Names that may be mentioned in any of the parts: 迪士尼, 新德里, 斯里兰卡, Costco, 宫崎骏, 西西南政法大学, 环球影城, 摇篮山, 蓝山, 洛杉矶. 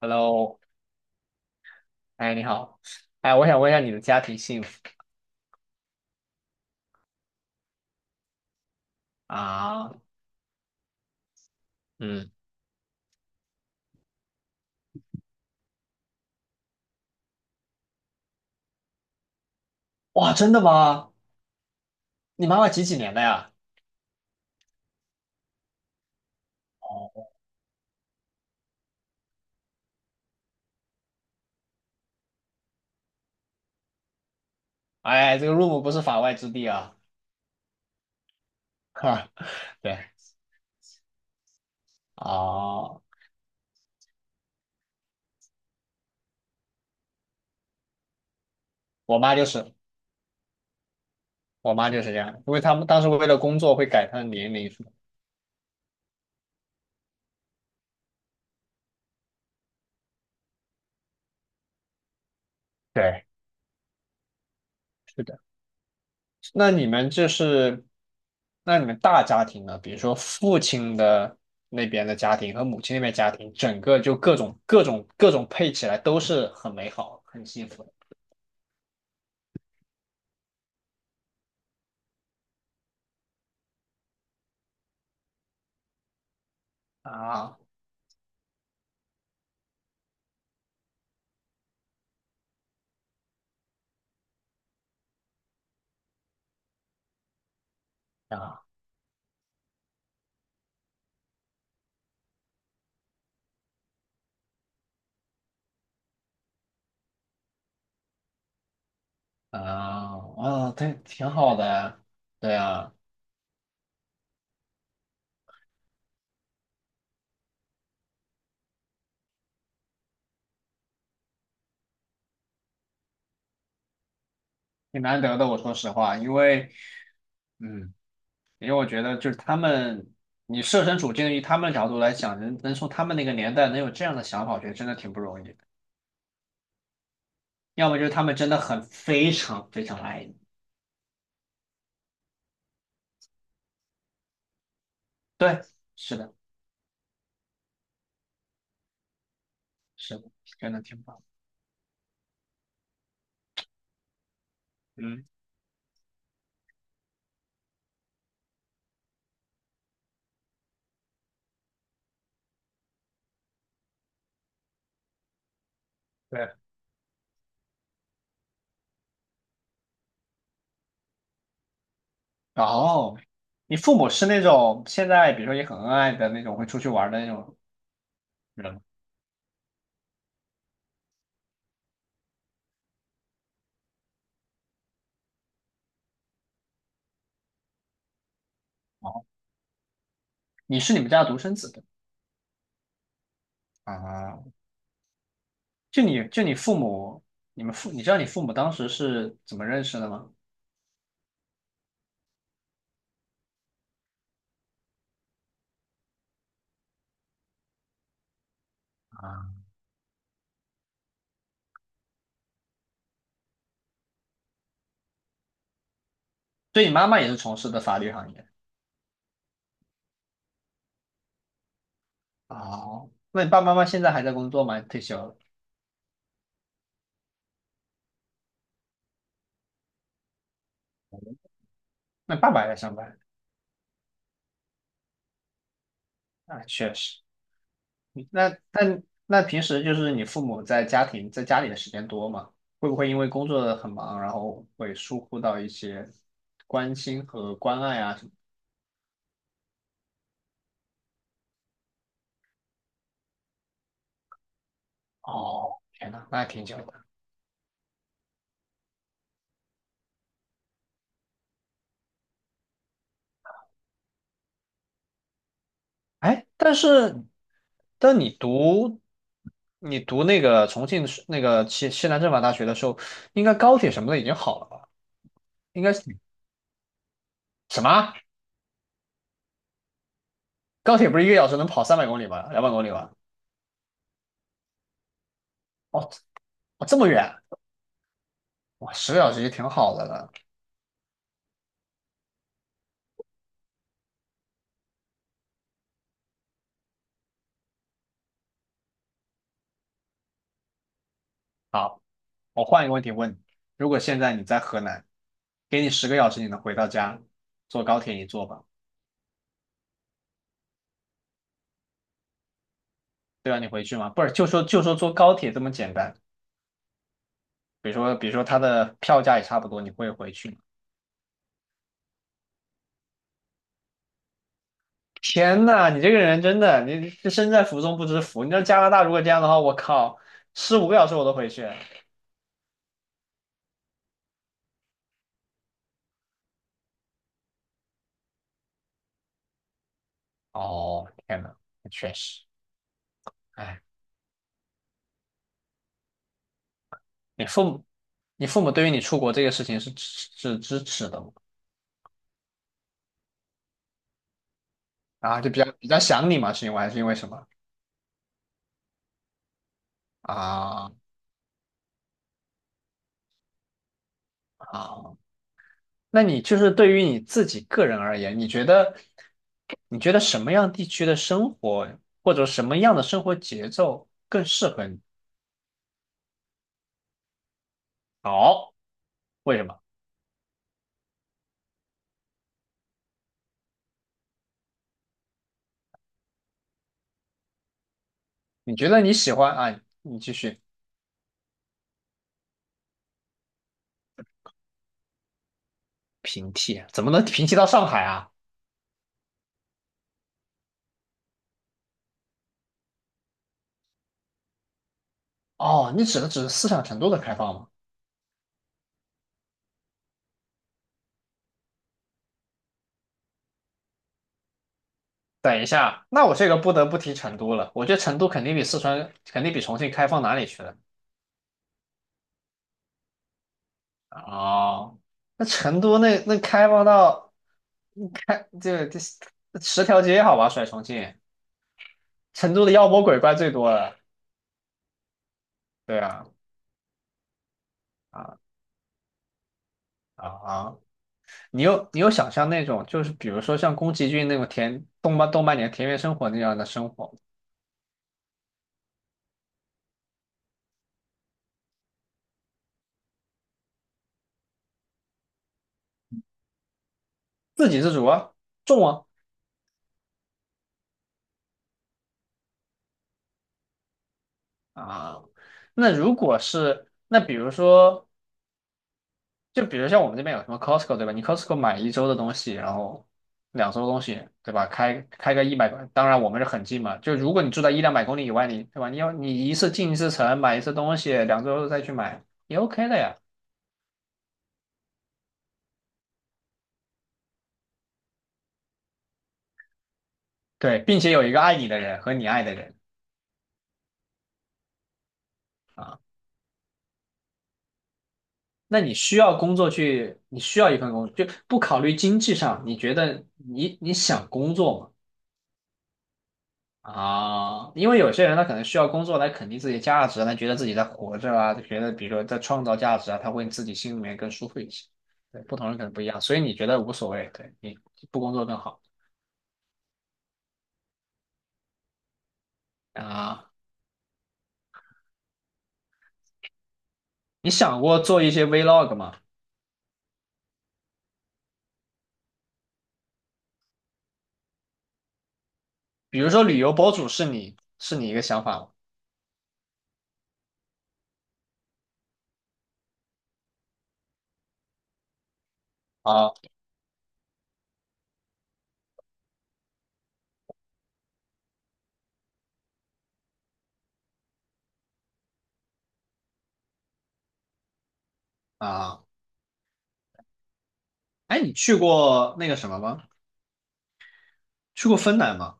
Hello，哎，你好，哎，我想问一下你的家庭幸福啊？嗯，哇，真的吗？你妈妈几几年的呀？哦，哎，这个 room 不是法外之地啊！哈，对，哦，我妈就是，我妈就是这样，因为他们当时为了工作会改她的年龄什么。对，是的。那你们就是，那你们大家庭呢？比如说父亲的那边的家庭和母亲那边家庭，整个就各种各种各种配起来都是很美好、很幸福的。啊啊啊！哦，对，挺好的，对啊，挺难得的。我说实话，因为嗯，因为我觉得就是他们，你设身处境以他们的角度来讲，能从他们那个年代能有这样的想法，我觉得真的挺不容易的。要么就是他们真的很非常非常爱你，对，是的，是的，真的挺棒。嗯，对。哦，你父母是那种现在比如说也很恩爱的那种，会出去玩的那种人吗？哦，你是你们家的独生子的。啊，就你父母，你知道你父母当时是怎么认识的吗？啊，对你妈妈也是从事的法律行业。哦，那你爸爸妈妈现在还在工作吗？退休了？那爸爸还在上班？啊，确实。那那那平时就是你父母在家庭在家里的时间多吗？会不会因为工作很忙，然后会疏忽到一些关心和关爱啊什么？哦，天呐，那还挺久的。哎，但是，但你读那个重庆是那个西南政法大学的时候，应该高铁什么的已经好了吧？应该是什么？高铁不是一个小时能跑300公里吗？两百公里吗？哦，哦这么远，哇，十个小时也挺好的了。好，我换一个问题问你：如果现在你在河南，给你十个小时，你能回到家，坐高铁你坐吧？对吧？你回去吗？不是，就说坐高铁这么简单，比如说它的票价也差不多，你会回去吗？天呐，你这个人真的，你这身在福中不知福。你知道加拿大如果这样的话，我靠，15个小时我都回去。哦，天呐，确实，哎，你父母，你父母对于你出国这个事情是支持的吗？啊，就比较想你嘛，是因为还是因为什么？啊啊，那你就是对于你自己个人而言，你觉得什么样地区的生活或者什么样的生活节奏更适合你？好，为什么？你觉得你喜欢啊？你继续平替，怎么能平替到上海啊？哦，你指的只是思想程度的开放吗？等一下，那我这个不得不提成都了。我觉得成都肯定比四川，肯定比重庆开放哪里去了？哦，那成都那那开放到这10条街好吧，甩重庆，成都的妖魔鬼怪最多了。对啊，啊啊啊！你有想象那种，就是比如说像宫崎骏那种田动漫动漫里的田园生活那样的生活吗？自给自足啊，种啊啊。那如果是那比如说，就比如像我们这边有什么 Costco 对吧？你 Costco 买一周的东西，然后两周的东西对吧？开个一百，当然我们是很近嘛。就如果你住在一两百公里以外，你对吧？你要你一次进一次城，买一次东西，两周再去买也 OK 的呀。对，并且有一个爱你的人和你爱的人。那你需要工作去，你需要一份工作，就不考虑经济上，你觉得你想工作吗？啊，因为有些人他可能需要工作来肯定自己的价值，他觉得自己在活着啊，他觉得比如说在创造价值啊，他会自己心里面更舒服一些。对，不同人可能不一样，所以你觉得无所谓，对你不工作更好啊？你想过做一些 vlog 吗？比如说旅游博主是你一个想法吗？啊啊，哎，你去过那个什么吗？去过芬兰吗？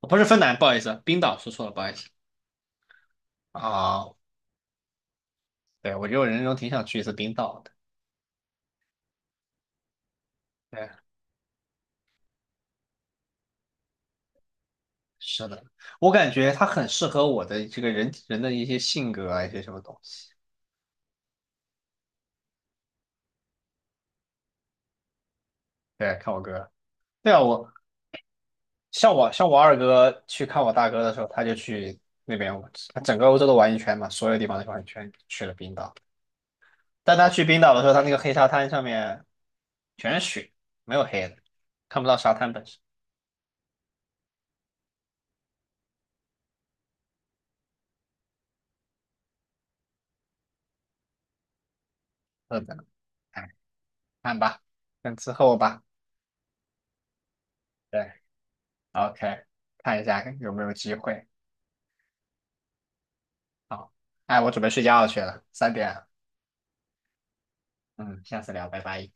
哦不是芬兰，不好意思，冰岛说错了，不好意思。啊，对，我觉得我人生中挺想去一次冰岛的。对。是的，我感觉他很适合我的这个人的一些性格啊，一些什么东西。对，看我哥，对啊，我像我二哥去看我大哥的时候，他就去那边，他整个欧洲都玩一圈嘛，所有地方都玩一圈，去了冰岛。但他去冰岛的时候，他那个黑沙滩上面全是雪，没有黑的，看不到沙滩本身。是的，哎，看吧，等之后吧。对，OK，看一下有没有机会。好，哎，我准备睡觉去了，3点。嗯，下次聊，拜拜。